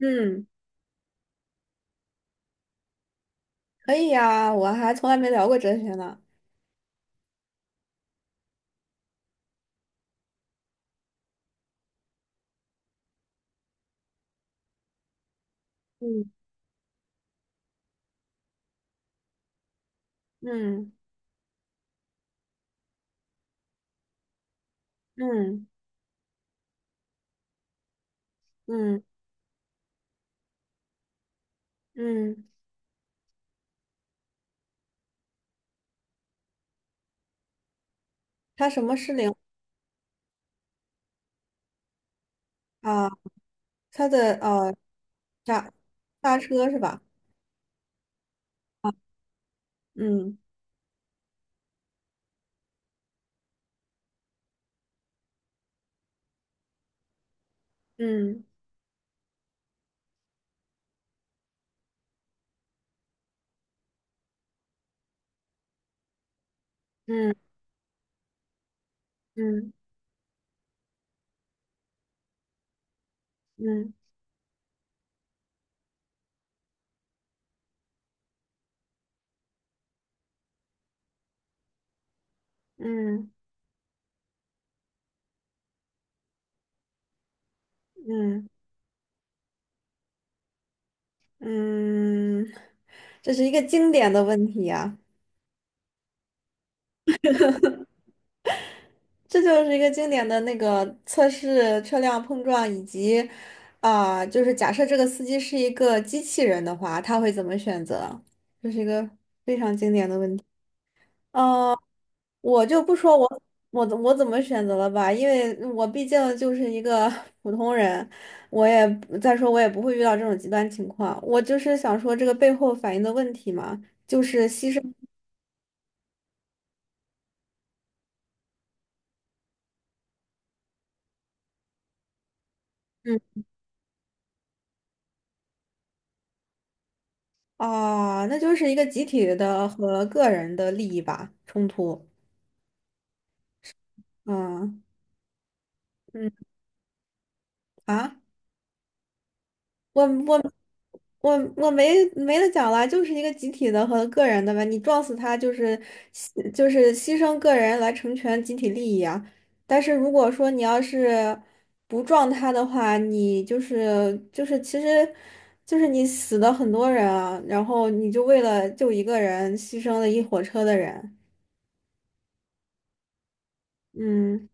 嗯，可以呀，我还从来没聊过哲学呢。嗯嗯嗯嗯嗯。它什么失灵啊？它的刹刹车是吧？嗯嗯嗯嗯嗯嗯嗯嗯。这是一个经典的问题呀，这就是一个经典的那个测试车辆碰撞以及啊、就是假设这个司机是一个机器人的话，他会怎么选择？这是一个。呃，我就不说我怎么选择了吧，因为我毕竟就是一个 普通人，我也再说我也不会遇到这种极端情况。我就是想说这个背后反映的问题嘛，就是牺牲。嗯啊，那就是一个集体的和个人的利益吧，冲突。嗯嗯啊。我我我没得讲了，就是一个集体的和个人的吧。你撞死他就是就是牺牲个人来成全集体利益啊。但是如果说你要是不撞他的话，你就是就是其实你死了很多人啊，然后你就为了救一个人牺牲了一火车的人。嗯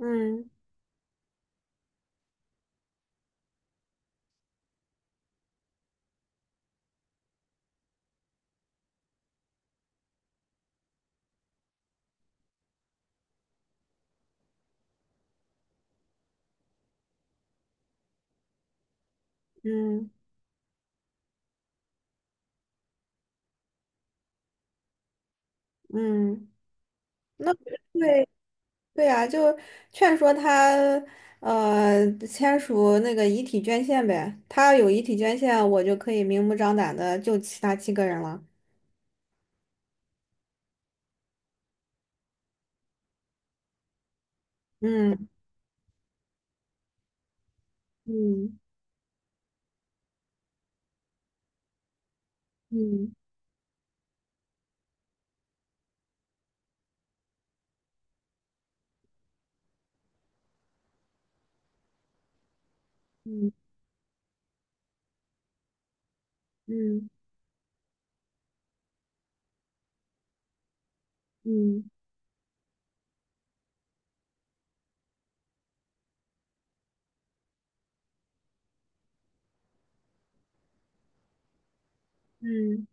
嗯嗯嗯，那对。对呀，就劝说他，签署那个遗体捐献呗。他有遗体捐献，我就可以明目张胆的救其他七个人了。嗯嗯嗯嗯嗯嗯嗯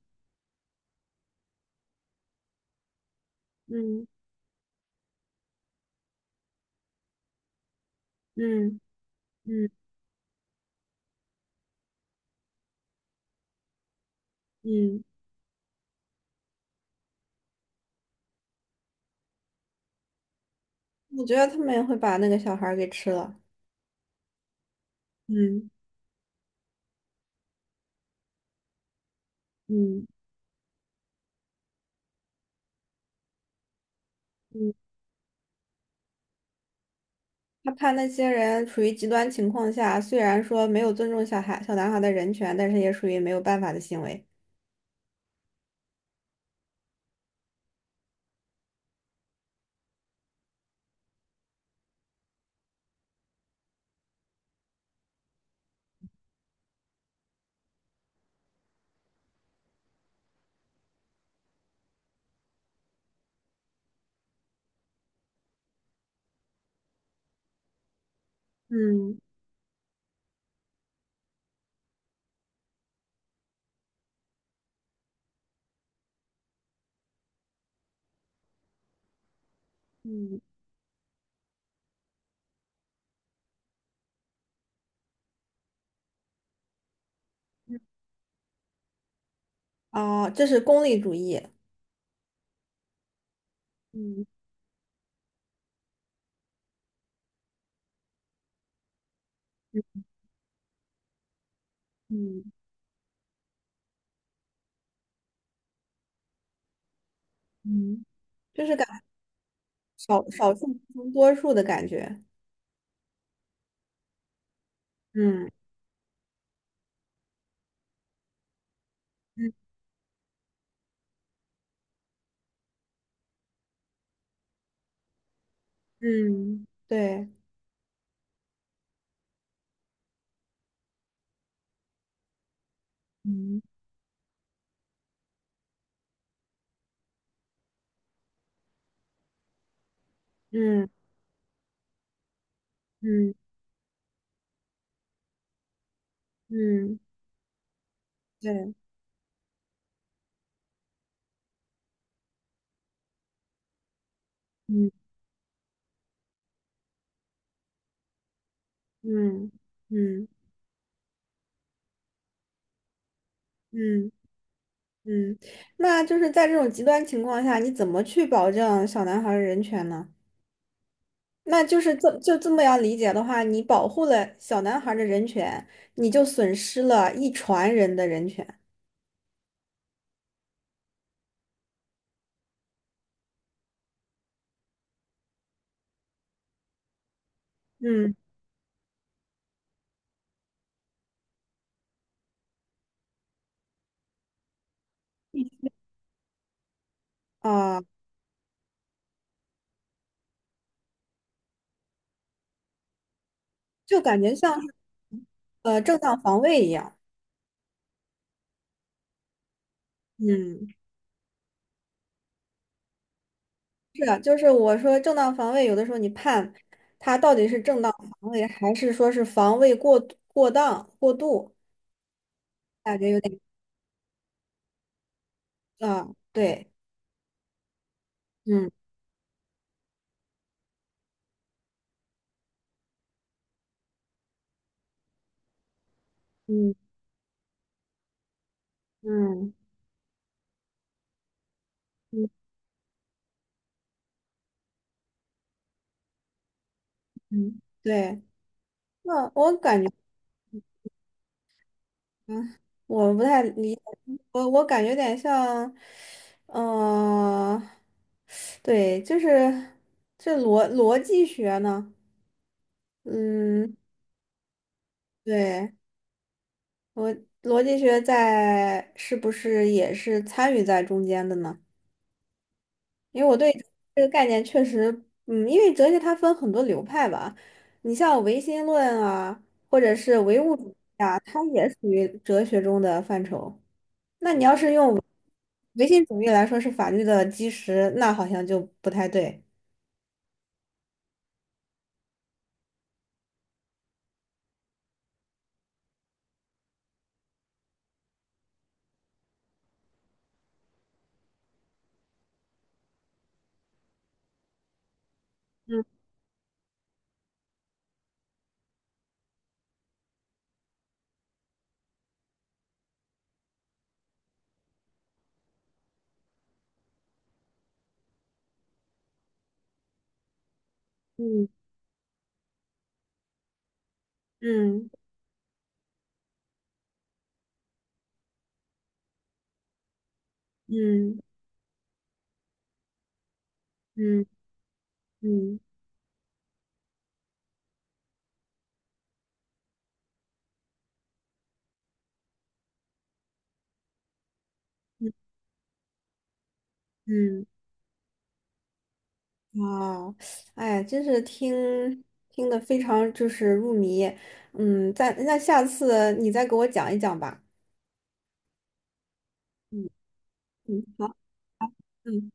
嗯嗯嗯嗯。我觉得他们也会把那个小孩儿给吃了。嗯嗯嗯。他怕那些人处于极端情况下，虽然说没有尊重小孩、小男孩的人权，但是也属于没有办法的行为。嗯嗯。啊，这是功利主义。嗯嗯嗯嗯，就是少数服从多数的感觉。嗯嗯嗯对，嗯嗯嗯嗯对，嗯嗯嗯嗯嗯，那就是在这种极端情况下，你怎么去保证小男孩儿的人权呢？那就是这就这么样理解的话，你保护了小男孩儿的人权，你就损失了一船人的人权。嗯啊，就感觉像。正当防卫一样。嗯，是的，就是我说正当防卫，有的时候你判他到底是正当防卫，还是说是防卫过度过当、过度，感觉有点啊，对，嗯嗯嗯嗯嗯，对。那我感觉，嗯，我不太理解，我感觉有点像，嗯、对，就是这逻辑学呢，嗯，对。我逻辑学在是不是也是参与在中间的呢？因为我对这个概念确实，嗯，因为哲学它分很多流派吧，你像唯心论啊，或者是唯物主义啊，它也属于哲学中的范畴。那你要是用唯心主义来说是法律的基石，那好像就不太对。嗯嗯嗯嗯嗯嗯嗯嗯。啊，哎，真是听得非常就是入迷，嗯，那下次你再给我讲一讲吧。嗯嗯，好，嗯。